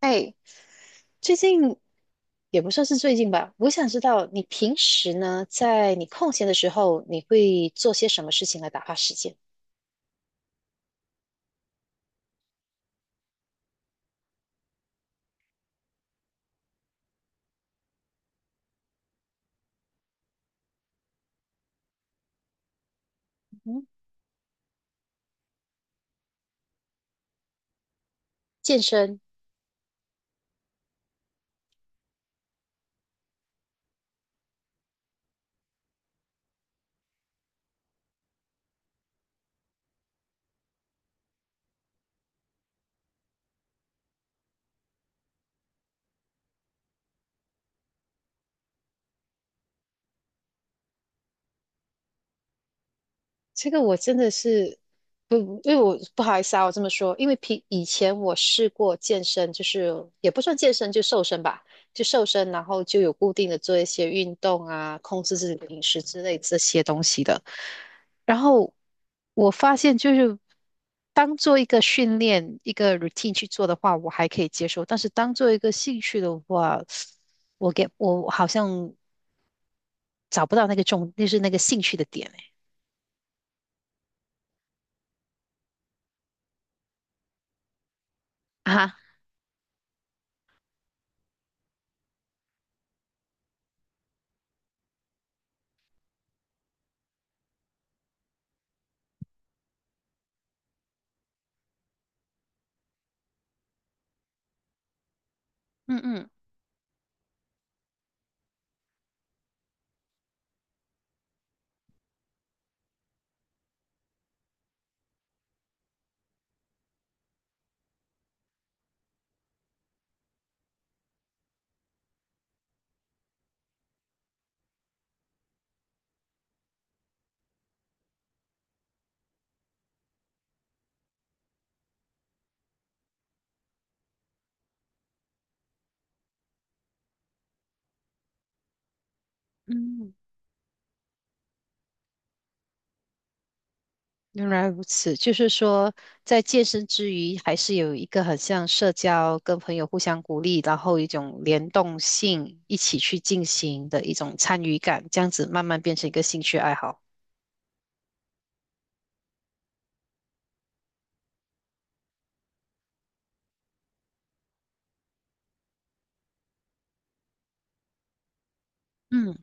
哎，最近也不算是最近吧，我想知道你平时呢，在你空闲的时候，你会做些什么事情来打发时间？嗯，健身、这个我真的是不，因为我不好意思啊，我这么说，因为平以前我试过健身，就是也不算健身，就瘦身吧，就瘦身，然后就有固定的做一些运动啊，控制自己的饮食之类这些东西的。然后我发现，就是当做一个训练、一个 routine 去做的话，我还可以接受；但是当做一个兴趣的话，我好像找不到那个重，就是那个兴趣的点诶啊，嗯嗯嗯。原来如此，就是说，在健身之余，还是有一个很像社交，跟朋友互相鼓励，然后一种联动性，一起去进行的一种参与感，这样子慢慢变成一个兴趣爱好。嗯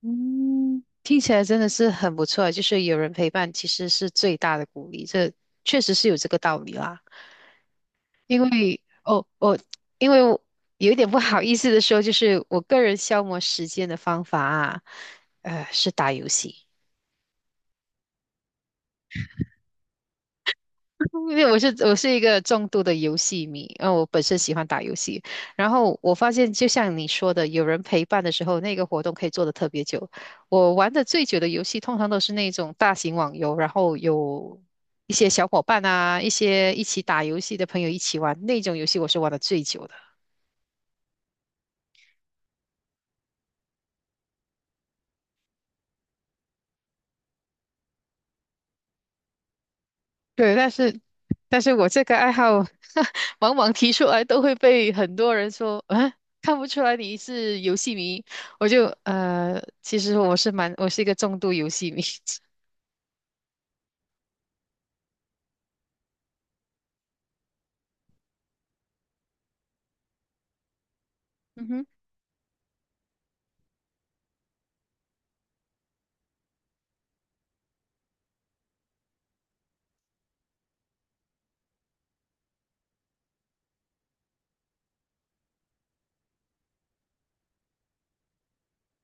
嗯，听起来真的是很不错啊，就是有人陪伴其实是最大的鼓励，这确实是有这个道理啦。因为哦，我因为我有一点不好意思的说，就是我个人消磨时间的方法啊，是打游戏。因为我是一个重度的游戏迷，然后我本身喜欢打游戏，然后我发现就像你说的，有人陪伴的时候，那个活动可以做得特别久。我玩的最久的游戏，通常都是那种大型网游，然后有一些小伙伴啊，一些一起打游戏的朋友一起玩，那种游戏我是玩的最久的。对，但是我这个爱好，往往提出来都会被很多人说，啊，看不出来你是游戏迷。我就其实我是蛮，我是一个重度游戏迷。嗯哼。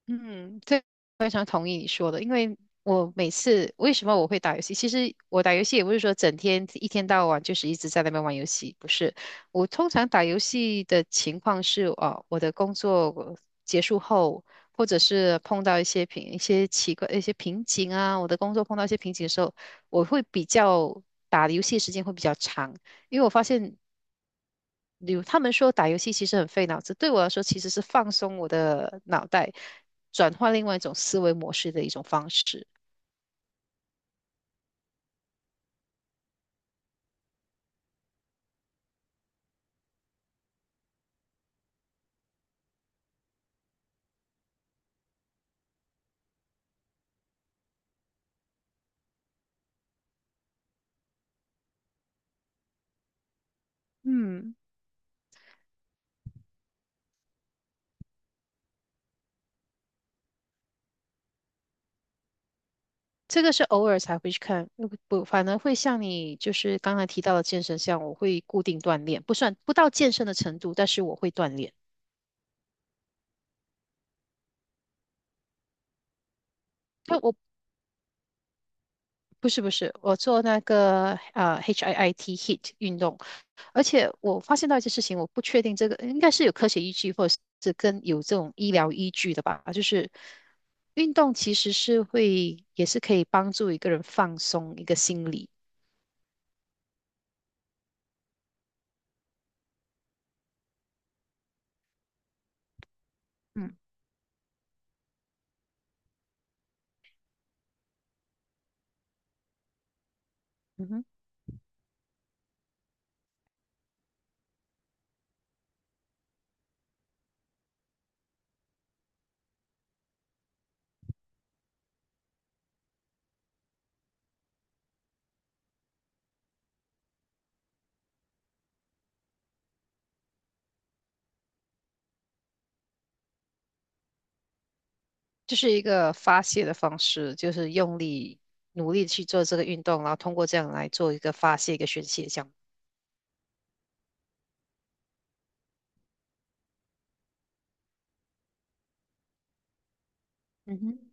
嗯，这非常同意你说的，因为我每次为什么我会打游戏？其实我打游戏也不是说整天一天到晚就是一直在那边玩游戏，不是。我通常打游戏的情况是，哦，我的工作结束后，或者是碰到一些奇怪一些瓶颈啊，我的工作碰到一些瓶颈的时候，我会比较打游戏的时间会比较长，因为我发现。如他们说打游戏其实很费脑子，对我来说其实是放松我的脑袋，转换另外一种思维模式的一种方式。嗯，这个是偶尔才会去看，不，反而会像你就是刚才提到的健身像我会固定锻炼，不算不到健身的程度，但是我会锻炼。就我不是不是，我做那个HIIT 运动，而且我发现到一件事情，我不确定这个应该是有科学依据，或者是跟有这种医疗依据的吧。就是运动其实是会，也是可以帮助一个人放松一个心理，嗯嗯哼，就是一个发泄的方式，就是用力努力去做这个运动，然后通过这样来做一个发泄、一个宣泄，这样。嗯哼。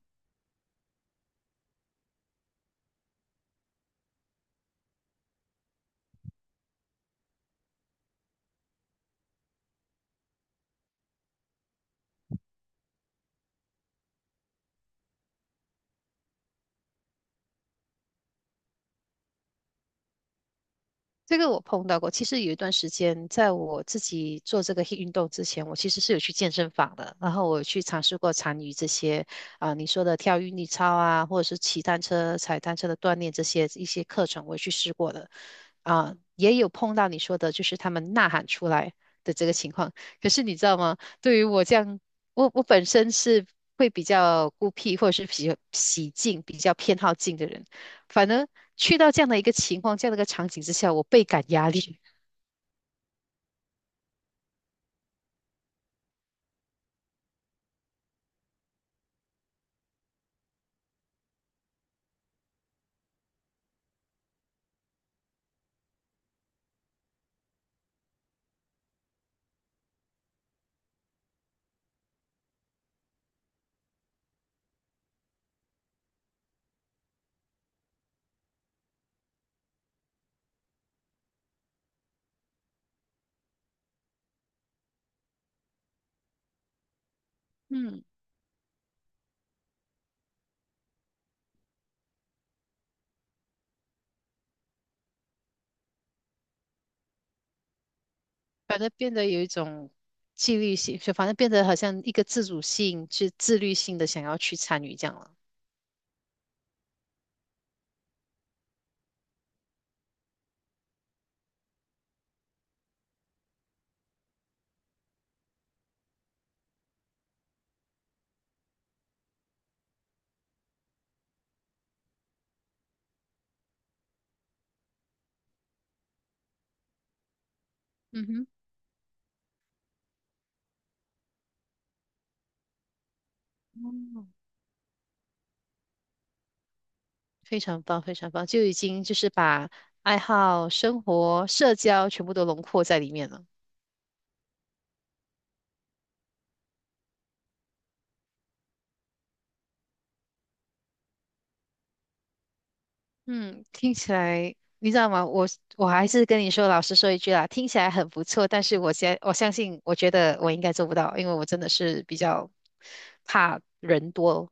这个我碰到过。其实有一段时间，在我自己做这个 HIIT 运动之前，我其实是有去健身房的，然后我有去尝试过参与这些啊、你说的跳韵律操啊，或者是骑单车、踩单车的锻炼这些一些课程，我也去试过的。啊、也有碰到你说的，就是他们呐喊出来的这个情况。可是你知道吗？对于我这样，我本身是会比较孤僻，或者是比较喜静、比较偏好静的人。反而去到这样的一个情况、这样的一个场景之下，我倍感压力，嗯，反而变得有一种纪律性，就反正变得好像一个自主性、自自律性的想要去参与这样了。嗯哼，哦，非常棒，非常棒，就已经就是把爱好、生活、社交全部都轮廓在里面了。嗯，听起来你知道吗？我还是跟你说，老实说一句啦，听起来很不错，但是我相信，我觉得我应该做不到，因为我真的是比较怕人多。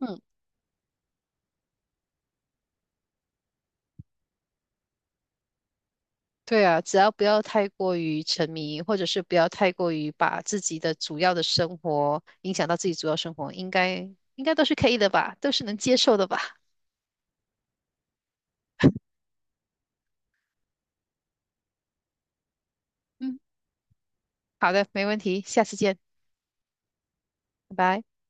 嗯，对啊，只要不要太过于沉迷，或者是不要太过于把自己的主要的生活影响到自己主要生活，应该都是可以的吧，都是能接受的吧。嗯，好的，没问题，下次见，拜拜。